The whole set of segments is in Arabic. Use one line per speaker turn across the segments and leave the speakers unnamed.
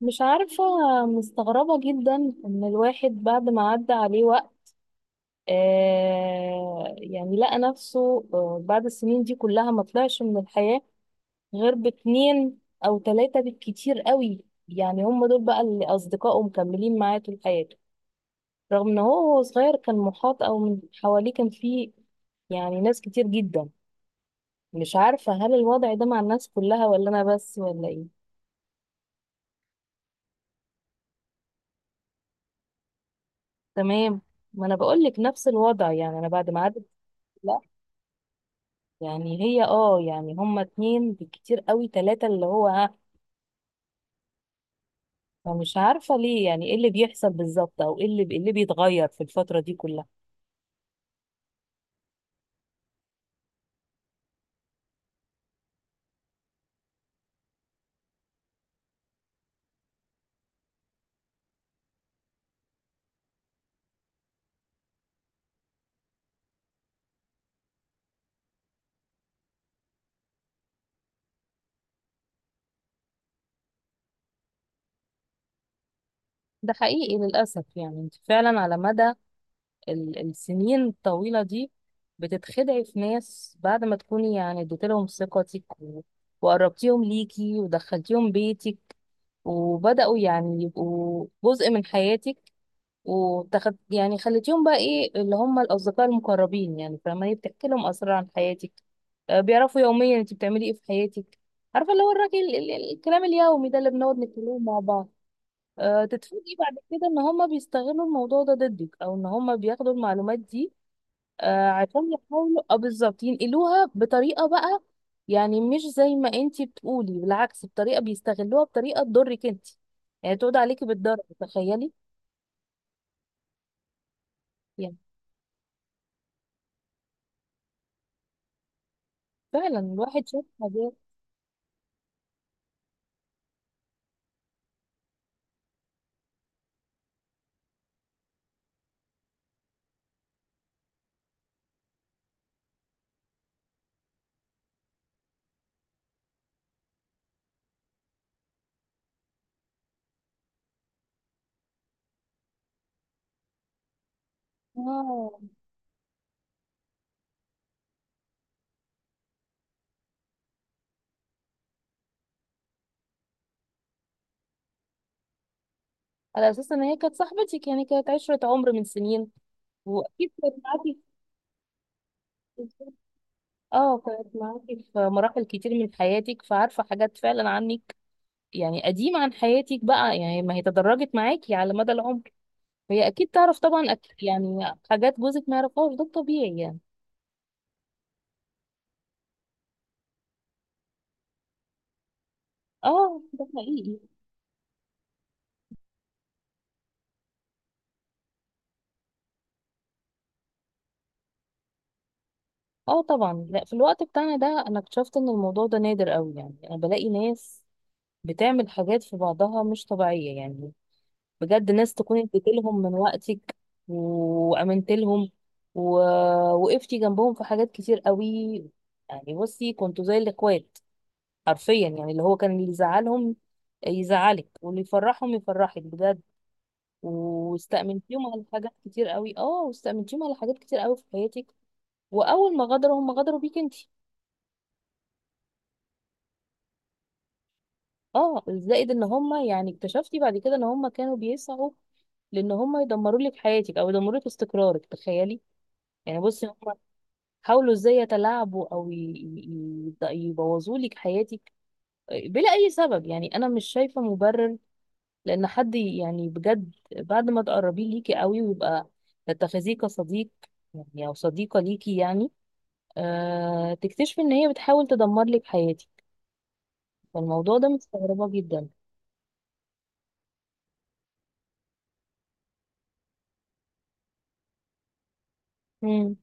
مش عارفة. مستغربة جدا إن الواحد بعد ما عدى عليه وقت يعني لقى نفسه بعد السنين دي كلها ما طلعش من الحياة غير باتنين أو تلاتة بالكتير قوي. يعني هم دول بقى اللي أصدقائه مكملين معاه طول حياته، رغم إن هو وهو صغير كان محاط أو من حواليه كان فيه يعني ناس كتير جدا. مش عارفة، هل الوضع ده مع الناس كلها ولا أنا بس ولا إيه؟ تمام. ما أنا بقولك نفس الوضع، يعني أنا بعد ما عدت يعني هي يعني هما اتنين بالكتير قوي تلاتة، اللي هو فمش عارفة ليه، يعني ايه اللي بيحصل بالظبط او ايه اللي بيتغير في الفترة دي كلها. ده حقيقي للأسف، يعني انت فعلا على مدى السنين الطويلة دي بتتخدعي في ناس بعد ما تكوني يعني اديت لهم ثقتك وقربتيهم ليكي ودخلتيهم بيتك، وبدأوا يعني يبقوا جزء من حياتك، وتاخد يعني خليتيهم بقى ايه، اللي هم الاصدقاء المقربين يعني، فما هي بتحكي لهم اسرار عن حياتك. بيعرفوا يوميا انت بتعملي ايه في حياتك، عارفه اللي هو الراجل الكلام اليومي ده اللي بنقعد نتكلمه مع بعض. تتفاجئي بعد كده ان هم بيستغلوا الموضوع ده ضدك، او ان هم بياخدوا المعلومات دي عشان يحاولوا بالظبط ينقلوها بطريقه بقى، يعني مش زي ما انت بتقولي، بالعكس، بطريقه بيستغلوها بطريقه تضرك انت، يعني تقعد عليكي بالضرر، تخيلي. يعني فعلا الواحد شاف حاجات. اه على اساس ان هي كانت صاحبتي، يعني كانت عشرة عمر من سنين، واكيد كانت معاكي في- اه كانت معاكي في مراحل كتير من حياتك، فعارفة حاجات فعلا عنك، يعني قديمة عن حياتك بقى، يعني ما هي تدرجت معاكي على مدى العمر، فهي اكيد تعرف طبعا يعني حاجات جوزك ما يعرفهاش، ده الطبيعي يعني. اه ده حقيقي. اه طبعا. لا، في الوقت بتاعنا ده انا اكتشفت ان الموضوع ده نادر قوي، يعني انا بلاقي ناس بتعمل حاجات في بعضها مش طبيعية يعني. بجد، ناس تكون اديت لهم من وقتك، وامنت لهم، ووقفتي جنبهم في حاجات كتير قوي، يعني بصي كنتوا زي الاخوات حرفيا، يعني اللي هو كان اللي يزعلهم يزعلك واللي يفرحهم يفرحك بجد، واستأمنتيهم على حاجات كتير قوي، واستأمنتيهم على حاجات كتير قوي في حياتك، واول ما غدروا هم غدروا بيك انت. اه زائد ان هم يعني اكتشفتي بعد كده ان هم كانوا بيسعوا لان هم يدمروا لك حياتك او يدمروا لك استقرارك، تخيلي. يعني بصي هم حاولوا ازاي يتلاعبوا او يبوظوا لك حياتك بلا اي سبب، يعني انا مش شايفه مبرر لان حد يعني بجد بعد ما تقربيه ليكي قوي ويبقى تتخذيه كصديق يعني، او صديقه ليكي يعني، تكتشفي ان هي بتحاول تدمر لك حياتك. فالموضوع ده مستغربه جدا. امم.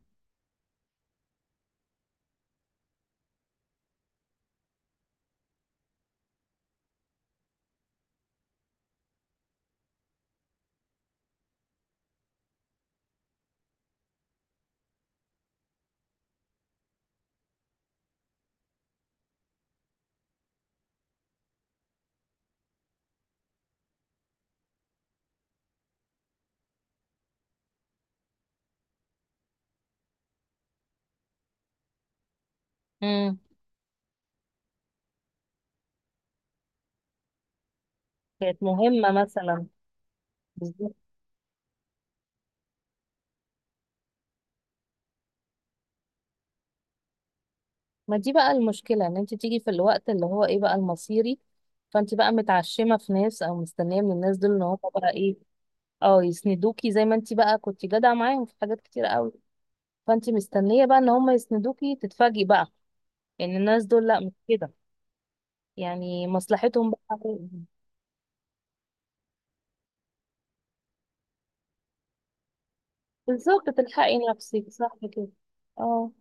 امم. كانت مهمه مثلا. بالظبط. ما دي بقى المشكله، ان انت تيجي في الوقت اللي هو ايه بقى، المصيري، فانت بقى متعشمه في ناس او مستنيه من الناس دول ان هم بقى ايه، اه يسندوكي زي ما انت بقى كنت جدعة معاهم في حاجات كتير قوي، فانت مستنية بقى ان هم يسندوكي، تتفاجئي بقى ان الناس دول لا مش كده. يعني مصلحتهم بقى إيه؟ بالظبط، تلحقي نفسك، صح كده. اه.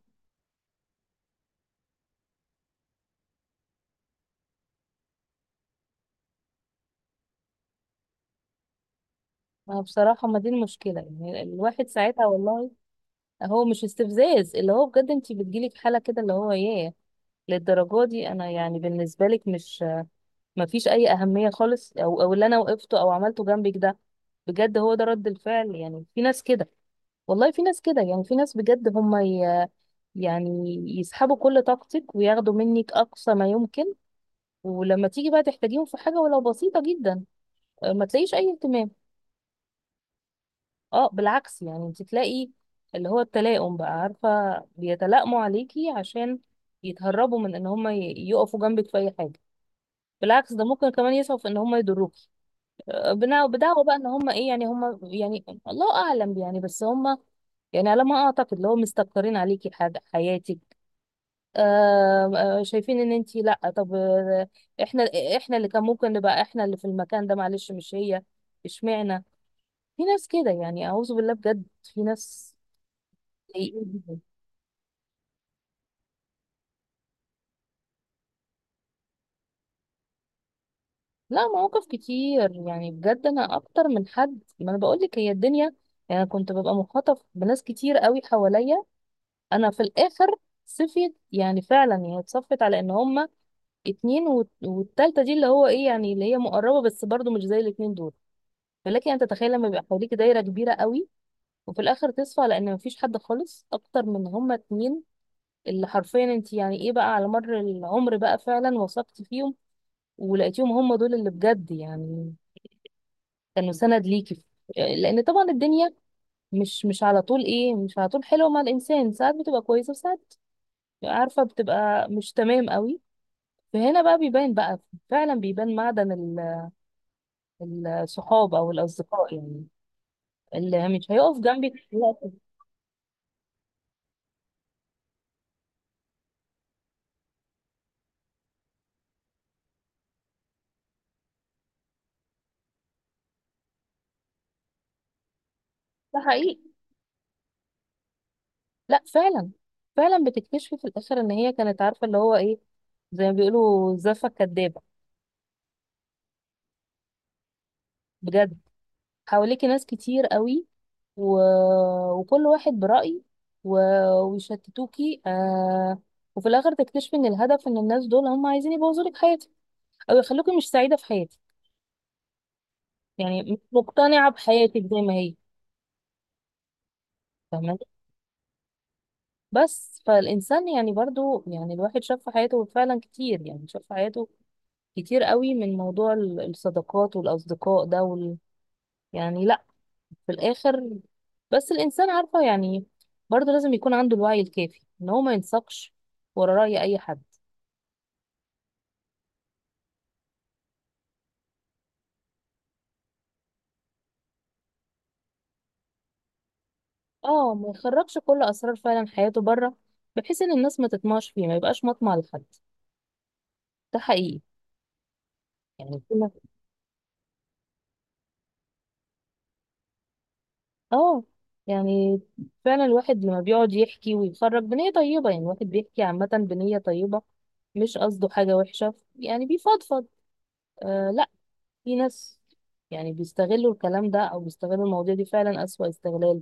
ما بصراحة، ما دي المشكلة يعني، الواحد ساعتها والله. هو مش استفزاز، اللي هو بجد انت بتجيلك حالة كده، اللي هو ايه، للدرجة دي انا يعني بالنسبة لك مش، مفيش اي اهميه خالص، او اللي انا وقفته او عملته جنبك ده بجد، هو ده رد الفعل. يعني في ناس كده، والله في ناس كده، يعني في ناس بجد هم يعني يسحبوا كل طاقتك وياخدوا منك اقصى ما يمكن، ولما تيجي بقى تحتاجيهم في حاجه ولو بسيطه جدا، ما تلاقيش اي اهتمام. اه بالعكس، يعني انت تلاقي اللي هو التلائم بقى عارفه، بيتلائموا عليكي عشان يتهربوا من ان هم يقفوا جنبك في اي حاجه، بالعكس ده ممكن كمان يسعوا في ان هم يضروك، بدعوى بقى ان هم ايه يعني، هم يعني الله اعلم يعني، بس هم يعني على ما اعتقد اللي هو مستكترين عليكي حاجه حياتك. آه. شايفين ان انت لا، طب احنا، احنا اللي كان ممكن نبقى احنا اللي في المكان ده، معلش مش هي، اشمعنى. في ناس كده يعني، اعوذ بالله، بجد في ناس سيئين جدا. لا، مواقف كتير يعني، بجد انا اكتر من حد، ما انا بقول لك هي الدنيا، يعني أنا كنت ببقى مخاطف بناس كتير قوي حواليا. انا في الاخر صفيت، يعني فعلا يعني اتصفت على ان هما اتنين والتالتة دي اللي هو ايه يعني، اللي هي مقربة بس برضو مش زي الاتنين دول. فلكن انت تتخيل لما يبقى حواليك دايرة كبيرة قوي، وفي الاخر تصفى على ان مفيش حد خالص اكتر من هما اتنين، اللي حرفيا انت يعني ايه بقى على مر العمر بقى فعلا وثقت فيهم ولقيتيهم هما دول اللي بجد يعني كانوا سند ليكي. لان طبعا الدنيا مش على طول ايه، مش على طول حلوه مع الانسان، ساعات بتبقى كويسه وساعات عارفه بتبقى مش تمام قوي، فهنا بقى بيبان بقى، فعلا بيبان معدن الصحاب او الاصدقاء يعني، اللي مش هيقف جنبك في الوقت ده. ده حقيقي. لا فعلا، فعلا بتكتشفي في الاخر ان هي كانت عارفه اللي هو ايه، زي ما بيقولوا زفه كدابه، بجد. حواليكي ناس كتير قوي و... وكل واحد برأي و... ويشتتوكي وفي الاخر تكتشفي ان الهدف، ان الناس دول هم عايزين يبوظوا لك حياتك، او يخلوكي مش سعيده في حياتك، يعني مش مقتنعه بحياتك زي ما هي. فاهمه. بس فالإنسان يعني برضو يعني، الواحد شاف في حياته فعلا كتير، يعني شاف في حياته كتير قوي من موضوع الصداقات والأصدقاء ده يعني لا، في الآخر بس الإنسان عارفة يعني برضو لازم يكون عنده الوعي الكافي إن هو ما ينساقش ورا رأي أي حد. اه ما يخرجش كل أسرار فعلا حياته بره، بحيث إن الناس ما تطمعش فيه، ما يبقاش مطمع لحد. ده حقيقي يعني. اه. يعني فعلا الواحد لما بيقعد يحكي ويخرج بنية طيبة، يعني الواحد بيحكي عامة بنية طيبة، مش قصده حاجة وحشة، يعني بيفضفض. لا، في ناس يعني بيستغلوا الكلام ده أو بيستغلوا المواضيع دي فعلا أسوأ استغلال.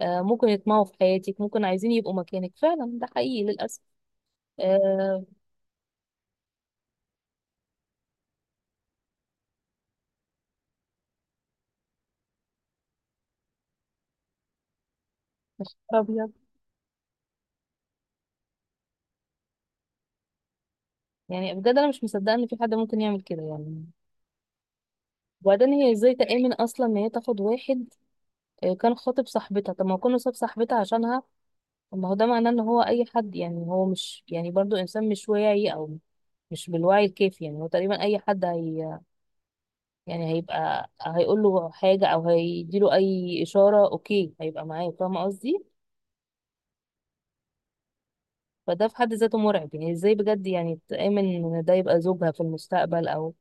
ممكن يطمعوا في حياتك، ممكن عايزين يبقوا مكانك، فعلا ده حقيقي للأسف. آه. مش أبيض. يعني بجد أنا مش مصدقة إن في حد ممكن يعمل كده يعني. وبعدين هي ازاي تأمن أصلا إن هي تاخد واحد كان خاطب صاحبتها؟ طب ما هو كان صاحب صاحبتها عشانها، طب ما هو ده معناه ان هو اي حد، يعني هو مش يعني برضو انسان مش واعي، او مش بالوعي الكافي، يعني هو تقريبا اي حد هي يعني هيبقى هيقول له حاجه او هيديله اي اشاره اوكي هيبقى معاه، فاهمه قصدي، فده في حد ذاته مرعب، يعني ازاي بجد يعني تامن ان ده يبقى زوجها في المستقبل، او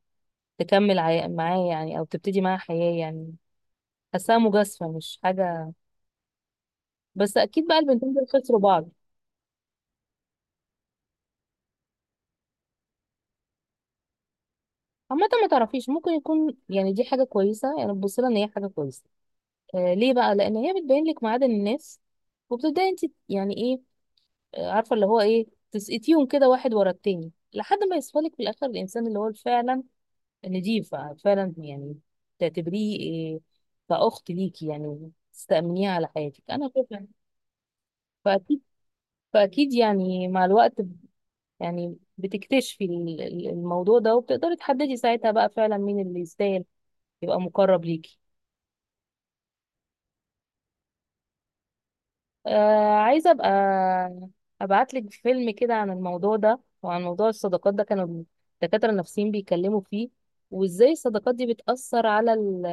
تكمل معاه يعني، او تبتدي معاه حياه يعني. حاساها مجازفه مش حاجه. بس اكيد بقى البنتين دول خسروا بعض. عامة ما تعرفيش ممكن يكون يعني دي حاجة كويسة، يعني تبص لها ان هي حاجة كويسة. ليه بقى؟ لان هي بتبين لك معادن الناس، وبتبداي انت يعني ايه، عارفه اللي هو ايه، تسقطيهم كده واحد ورا التاني لحد ما يصفى لك في الاخر الانسان اللي هو فعلا نضيف فعلا يعني، تعتبريه إيه، كاخت ليكي يعني، تستأمنيه على حياتك، انا فعلا. فاكيد، فاكيد يعني مع الوقت يعني بتكتشفي الموضوع ده، وبتقدري تحددي ساعتها بقى فعلا مين اللي يستاهل يبقى مقرب ليكي. عايزة أبقى أبعتلك فيلم كده عن الموضوع ده، وعن موضوع الصداقات ده، كانوا الدكاترة النفسيين بيتكلموا فيه، وإزاي الصداقات دي بتأثر على ال،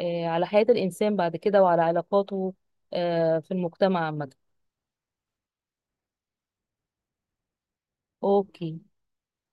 على حياة الإنسان بعد كده وعلى علاقاته في المجتمع عامة. أوكي.